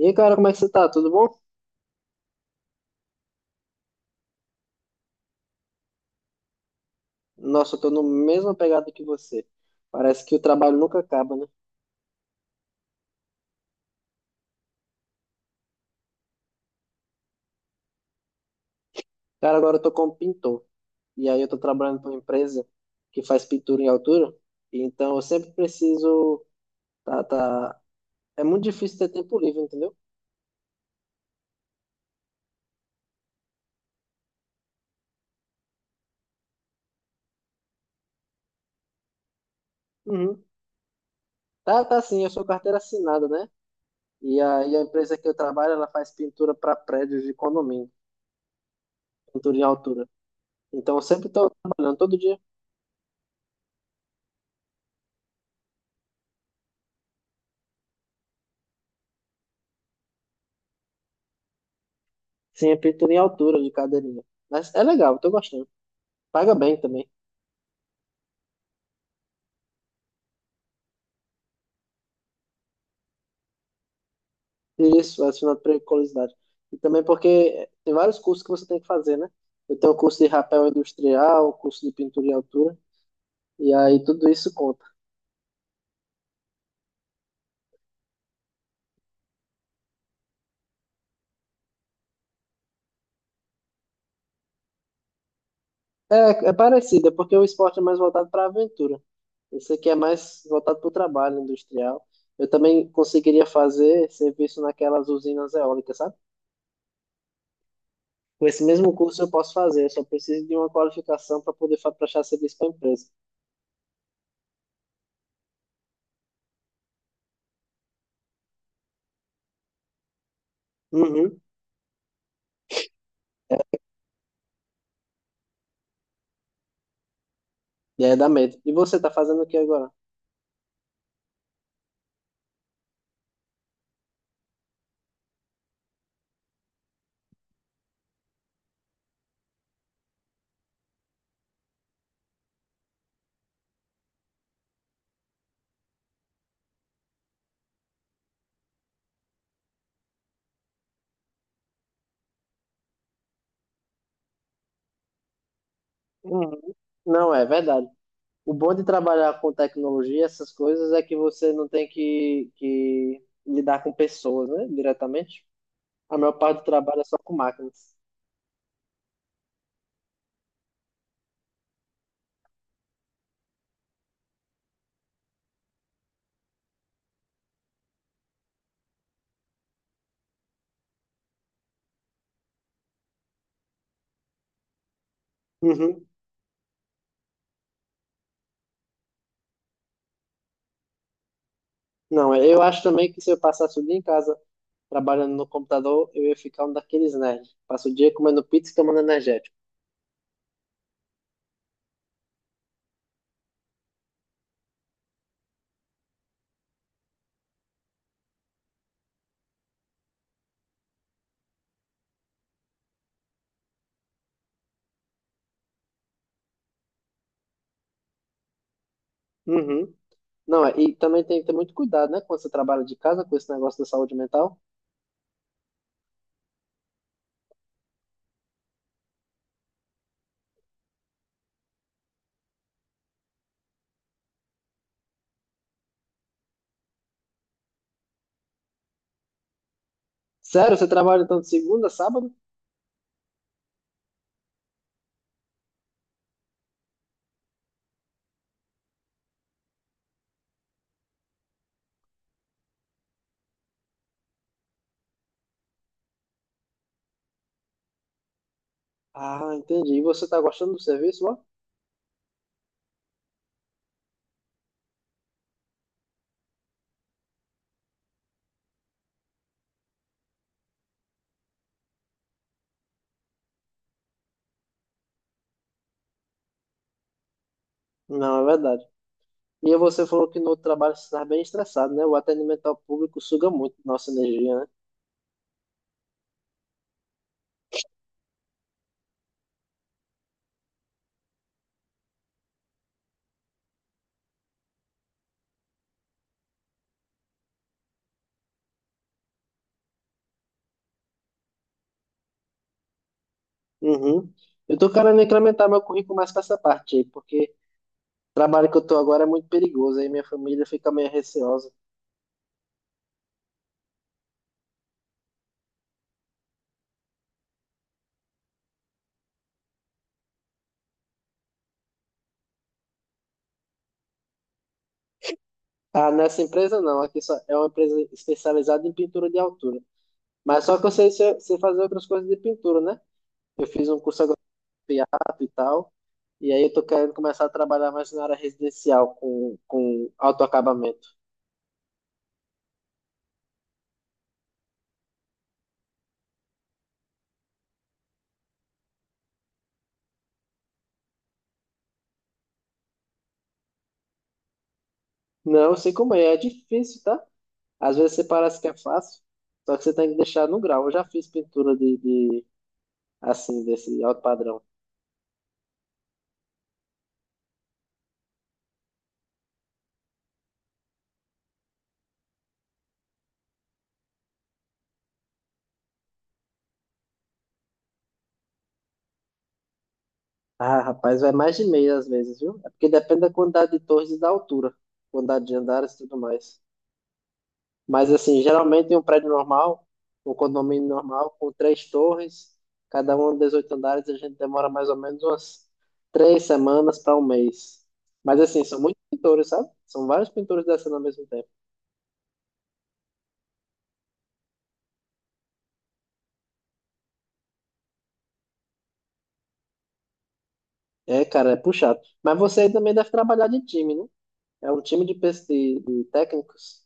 E aí, cara, como é que você tá? Tudo bom? Nossa, eu tô no mesma pegada que você. Parece que o trabalho nunca acaba, né? Cara, agora eu tô como pintor. E aí eu tô trabalhando pra uma empresa que faz pintura em altura. E então eu sempre preciso. Tá, tá... É muito difícil ter tempo livre, entendeu? Uhum. Tá, tá sim, eu sou carteira assinada, né? E a empresa que eu trabalho, ela faz pintura pra prédios de condomínio, pintura em altura. Então eu sempre tô trabalhando todo dia. Sim, é pintura em altura de cadeirinha. Mas é legal, eu tô gostando. Paga bem também. Isso, adicionado periculosidade. E também porque tem vários cursos que você tem que fazer, né? Eu tenho um curso de rapel industrial, curso de pintura em altura, e aí tudo isso conta. É, é parecido, é porque o esporte é mais voltado para a aventura. Esse aqui é mais voltado para o trabalho industrial. Eu também conseguiria fazer serviço naquelas usinas eólicas, sabe? Com esse mesmo curso eu posso fazer, eu só preciso de uma qualificação para poder prestar serviço para a empresa. Uhum. E aí dá medo. E você está fazendo o que agora? Uhum. Não, é verdade. O bom de trabalhar com tecnologia, essas coisas, é que você não tem que lidar com pessoas, né, diretamente. A maior parte do trabalho é só com máquinas. Uhum. Não, é, eu acho também que se eu passasse o dia em casa trabalhando no computador, eu ia ficar um daqueles nerds. Passo o dia comendo pizza e tomando energético. Uhum. Não, é, e também tem que ter muito cuidado, né, quando você trabalha de casa com esse negócio da saúde mental. Sério, você trabalha então de segunda a sábado? Ah, entendi. E você tá gostando do serviço lá? Não, é verdade. E você falou que no outro trabalho você está bem estressado, né? O atendimento ao público suga muito nossa energia, né? Uhum. Eu tô querendo incrementar meu currículo mais para essa parte aí, porque trabalho que eu tô agora é muito perigoso, aí minha família fica meio receosa. Ah, nessa empresa não, aqui só é uma empresa especializada em pintura de altura. Mas só que eu sei, sei fazer outras coisas de pintura, né? Eu fiz um curso agora de teatro e tal, e aí eu tô querendo começar a trabalhar mais na área residencial com autoacabamento. Não, eu sei como é, é difícil, tá? Às vezes você parece que é fácil, só que você tem que deixar no grau. Eu já fiz pintura de assim, desse alto padrão. Ah, rapaz, vai mais de meia às vezes, viu? É porque depende da quantidade de torres e da altura, quantidade de andares e tudo mais. Mas, assim, geralmente em um prédio normal, um condomínio normal, com três torres, cada uma 18 andares, a gente demora mais ou menos umas três semanas para um mês. Mas, assim, são muitos pintores, sabe? São vários pintores descendo ao mesmo tempo. É, cara, é puxado. Mas você também deve trabalhar de time, né? É um time de, de técnicos.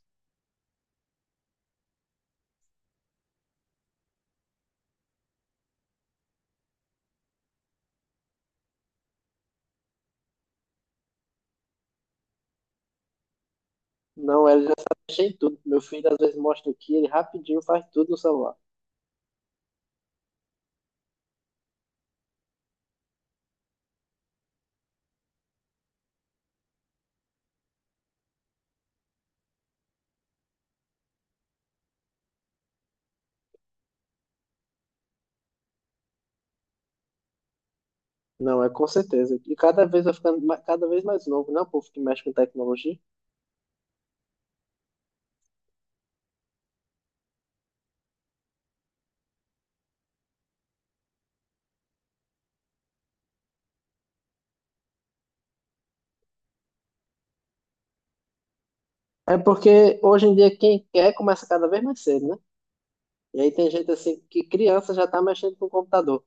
Não, ele já sabe mexer em tudo. Meu filho às vezes mostra aqui, ele rapidinho faz tudo no celular. Não, é com certeza. E cada vez vai ficando cada vez mais novo, né? O povo que mexe com tecnologia. É porque hoje em dia quem quer começa cada vez mais cedo, né? E aí tem gente assim que criança já tá mexendo com o computador.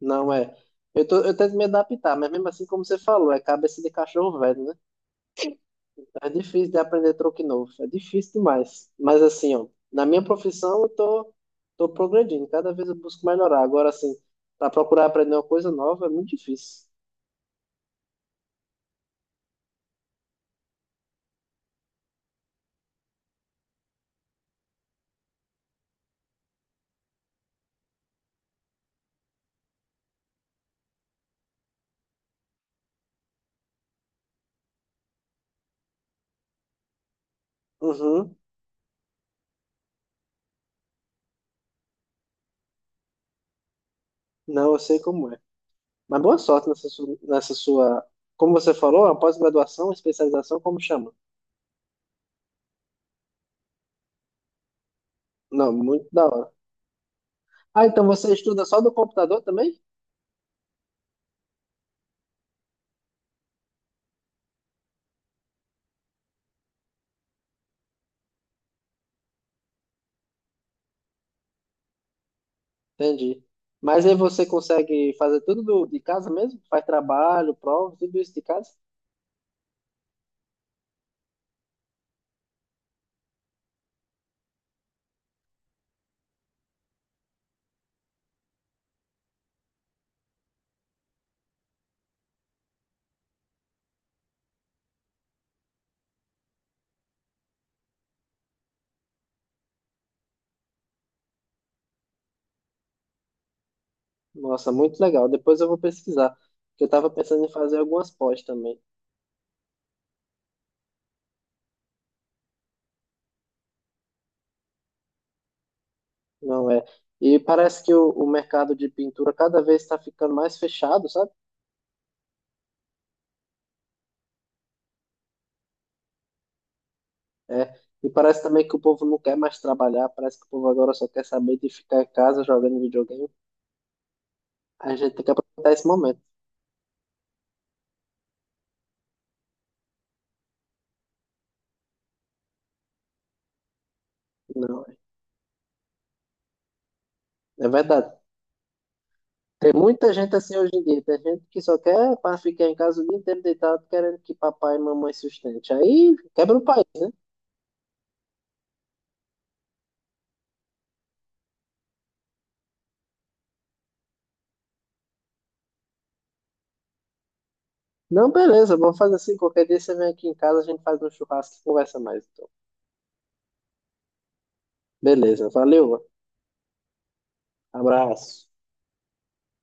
Não é. Eu tento me adaptar, mas mesmo assim, como você falou, é cabeça de cachorro velho, né? É difícil de aprender truque novo. É difícil demais. Mas assim, ó, na minha profissão eu tô, tô progredindo. Cada vez eu busco melhorar. Agora, assim, para procurar aprender uma coisa nova é muito difícil. Uhum. Não, eu sei como é. Mas boa sorte nessa sua, como você falou, a pós-graduação, especialização, como chama? Não, muito da hora. Ah, então você estuda só do computador também? Entendi. Mas aí você consegue fazer tudo de casa mesmo? Faz trabalho, prova, tudo isso de casa? Nossa, muito legal. Depois eu vou pesquisar, porque eu estava pensando em fazer algumas pós também. Não é? E parece que o mercado de pintura cada vez está ficando mais fechado, sabe? É. E parece também que o povo não quer mais trabalhar, parece que o povo agora só quer saber de ficar em casa jogando videogame. A gente tem que aproveitar esse momento. Não. É verdade. Tem muita gente assim hoje em dia. Tem gente que só quer para ficar em casa o dia inteiro deitado, querendo que papai e mamãe sustente. Aí quebra o país, né? Não, beleza, vamos fazer assim. Qualquer dia você vem aqui em casa, a gente faz um churrasco e conversa mais, então. Beleza, valeu, abraço.